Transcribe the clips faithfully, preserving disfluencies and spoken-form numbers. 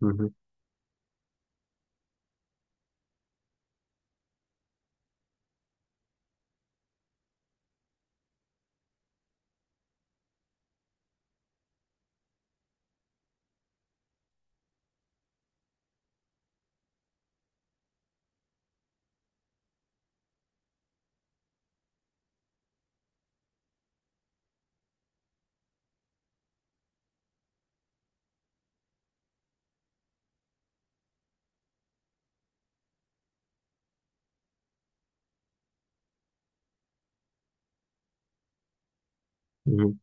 Hı hı, hı hı.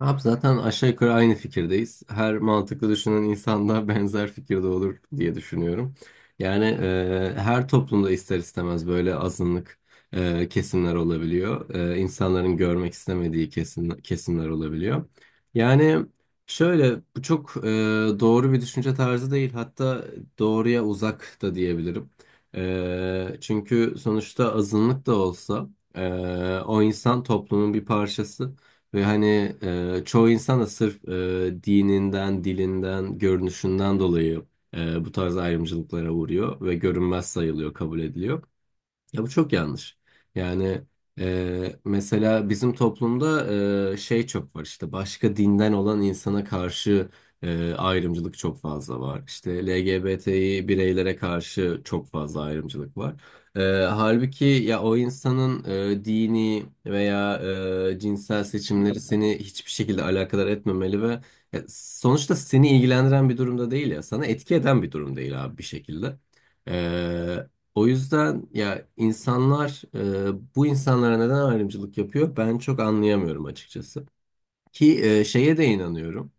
Abi zaten aşağı yukarı aynı fikirdeyiz. Her mantıklı düşünen insan da benzer fikirde olur diye düşünüyorum. Yani e, her toplumda ister istemez böyle azınlık e, kesimler olabiliyor. E, insanların görmek istemediği kesim, kesimler olabiliyor. Yani şöyle, bu çok e, doğru bir düşünce tarzı değil. Hatta doğruya uzak da diyebilirim. E, çünkü sonuçta azınlık da olsa, e, o insan toplumun bir parçası. Ve hani, e, çoğu insan da sırf e, dininden, dilinden, görünüşünden dolayı e, bu tarz ayrımcılıklara uğruyor ve görünmez sayılıyor, kabul ediliyor. Ya bu çok yanlış. Yani e, mesela bizim toplumda, e, şey, çok var işte başka dinden olan insana karşı e, ayrımcılık çok fazla var. İşte L G B T'yi bireylere karşı çok fazla ayrımcılık var. E, halbuki ya, o insanın e, dini veya e, cinsel seçimleri seni hiçbir şekilde alakadar etmemeli ve ya, sonuçta seni ilgilendiren bir durumda değil, ya sana etki eden bir durum değil abi bir şekilde. O yüzden ya, insanlar e, bu insanlara neden ayrımcılık yapıyor ben çok anlayamıyorum açıkçası. Ki e, şeye de inanıyorum.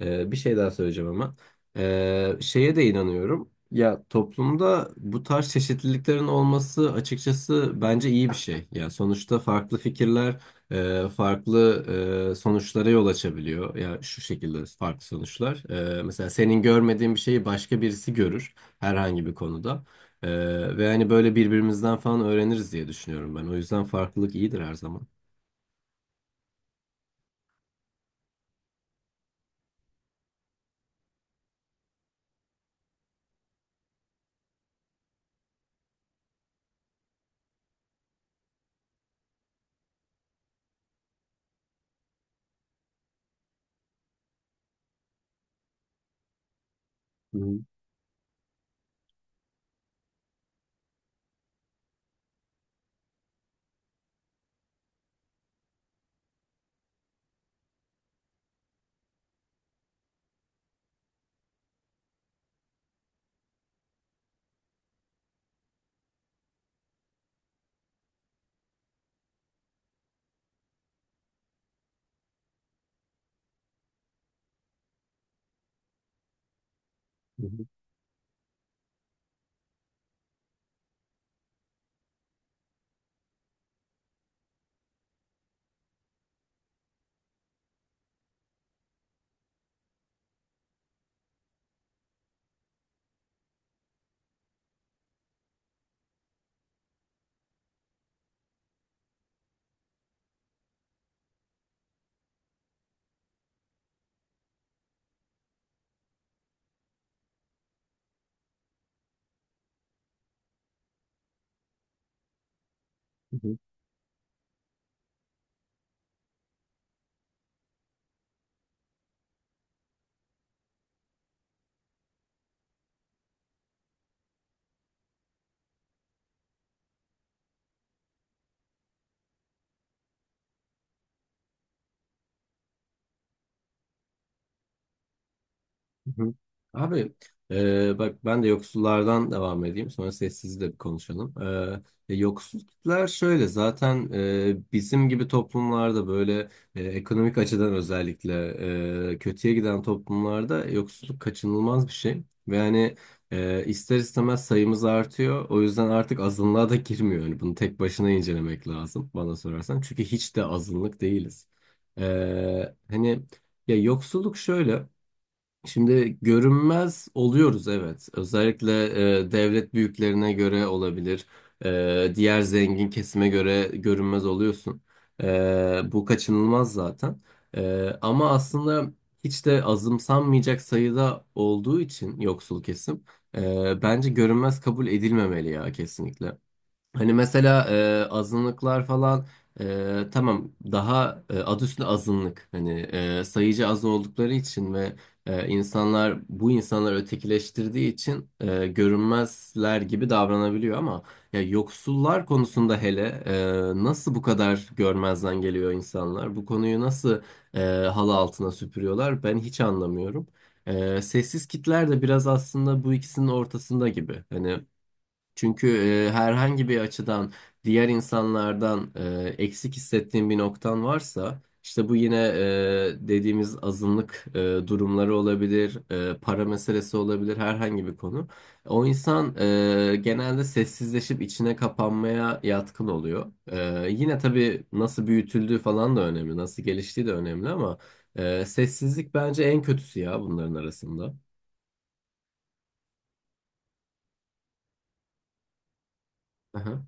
Ee, bir şey daha söyleyeceğim ama. Ee, şeye de inanıyorum. Ya toplumda bu tarz çeşitliliklerin olması açıkçası bence iyi bir şey. Ya sonuçta farklı fikirler e, farklı e, sonuçlara yol açabiliyor. Ya şu şekilde farklı sonuçlar. Ee, mesela senin görmediğin bir şeyi başka birisi görür herhangi bir konuda. Ee, ve hani böyle birbirimizden falan öğreniriz diye düşünüyorum ben. O yüzden farklılık iyidir her zaman. Hı hı, hı hı, hı hı. Hı hı. Abi e, bak ben de yoksullardan devam edeyim, sonra sessizi de bir konuşalım. E, e, yoksul kitler şöyle, zaten e, bizim gibi toplumlarda, böyle e, ekonomik açıdan özellikle e, kötüye giden toplumlarda yoksulluk kaçınılmaz bir şey. Ve hani, e, ister istemez sayımız artıyor, o yüzden artık azınlığa da girmiyor. Yani bunu tek başına incelemek lazım bana sorarsan, çünkü hiç de azınlık değiliz. E, Hani... Ya, yoksulluk şöyle. Şimdi görünmez oluyoruz, evet. Özellikle e, devlet büyüklerine göre olabilir. E, diğer zengin kesime göre görünmez oluyorsun. E, bu kaçınılmaz zaten. E, ama aslında hiç de azımsanmayacak sayıda olduğu için yoksul kesim e, bence görünmez kabul edilmemeli ya, kesinlikle. Hani mesela, e, azınlıklar falan, e, tamam, daha e, adı üstünde azınlık, hani e, sayıca az oldukları için ve e, insanlar bu insanları ötekileştirdiği için e, görünmezler gibi davranabiliyor ama ya, yoksullar konusunda hele, e, nasıl bu kadar görmezden geliyor insanlar? Bu konuyu nasıl e, halı altına süpürüyorlar? Ben hiç anlamıyorum. E, sessiz kitler de biraz aslında bu ikisinin ortasında gibi. Hani çünkü, e, herhangi bir açıdan diğer insanlardan e, eksik hissettiğin bir noktan varsa, işte bu yine e, dediğimiz azınlık e, durumları olabilir, e, para meselesi olabilir, herhangi bir konu. O insan e, genelde sessizleşip içine kapanmaya yatkın oluyor. E, yine tabii nasıl büyütüldüğü falan da önemli, nasıl geliştiği de önemli ama e, sessizlik bence en kötüsü ya bunların arasında. Aha.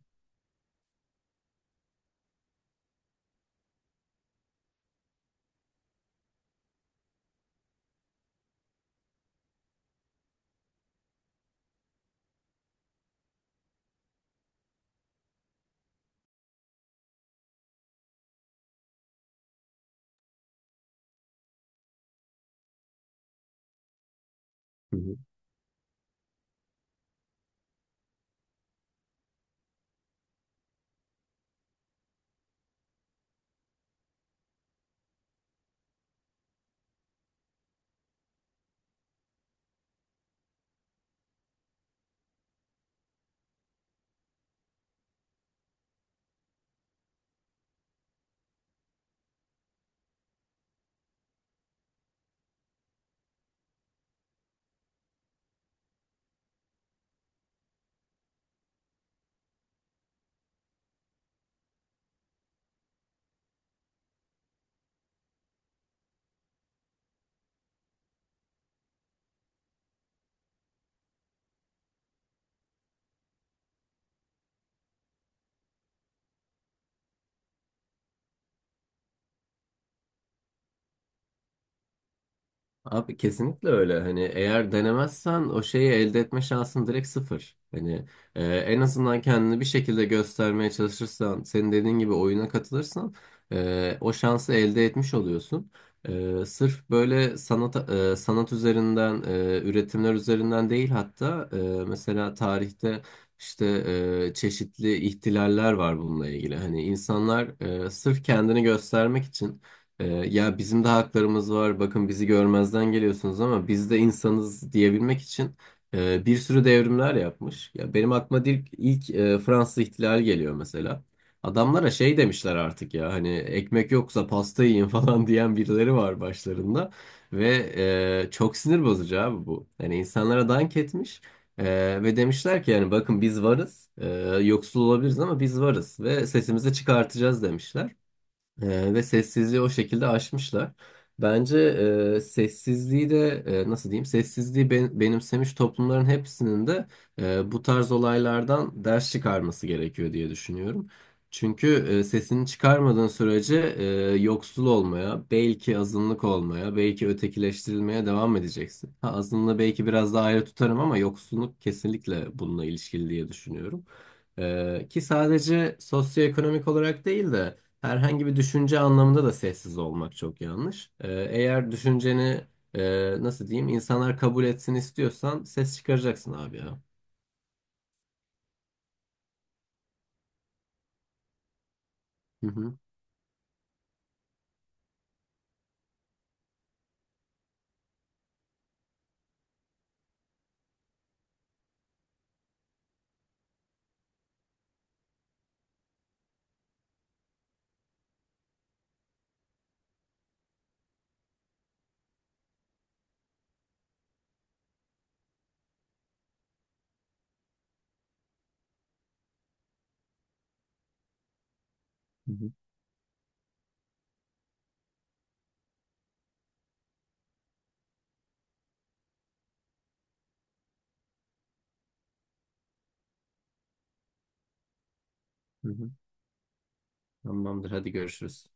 Abi kesinlikle öyle. Hani eğer denemezsen, o şeyi elde etme şansın direkt sıfır. Hani e, en azından kendini bir şekilde göstermeye çalışırsan, senin dediğin gibi oyuna katılırsan, e, o şansı elde etmiş oluyorsun. E, sırf böyle sanat e, sanat üzerinden, e, üretimler üzerinden değil hatta, e, mesela tarihte işte e, çeşitli ihtilaller var bununla ilgili. Hani insanlar e, sırf kendini göstermek için, ee, ya bizim de haklarımız var. Bakın bizi görmezden geliyorsunuz ama biz de insanız diyebilmek için e, bir sürü devrimler yapmış. Ya benim aklıma ilk, ilk e, Fransız İhtilali geliyor mesela. Adamlara şey demişler, artık ya hani ekmek yoksa pasta yiyin falan diyen birileri var başlarında ve, e, çok sinir bozucu abi bu. Yani insanlara dank etmiş e, ve demişler ki yani bakın biz varız. E, yoksul olabiliriz ama biz varız ve sesimizi çıkartacağız demişler. Ee, ve sessizliği o şekilde aşmışlar. Bence e, sessizliği de, e, nasıl diyeyim, sessizliği ben- benimsemiş toplumların hepsinin de e, bu tarz olaylardan ders çıkarması gerekiyor diye düşünüyorum. Çünkü e, sesini çıkarmadığın sürece, e, yoksul olmaya, belki azınlık olmaya, belki ötekileştirilmeye devam edeceksin. Ha, azınlığı belki biraz daha ayrı tutarım ama yoksulluk kesinlikle bununla ilişkili diye düşünüyorum. Ee, ki sadece sosyoekonomik olarak değil de, herhangi bir düşünce anlamında da sessiz olmak çok yanlış. Ee, eğer düşünceni, e, nasıl diyeyim, insanlar kabul etsin istiyorsan, ses çıkaracaksın abi ya. Hı hı, Hı hı, hı hı. Tamamdır, hadi görüşürüz.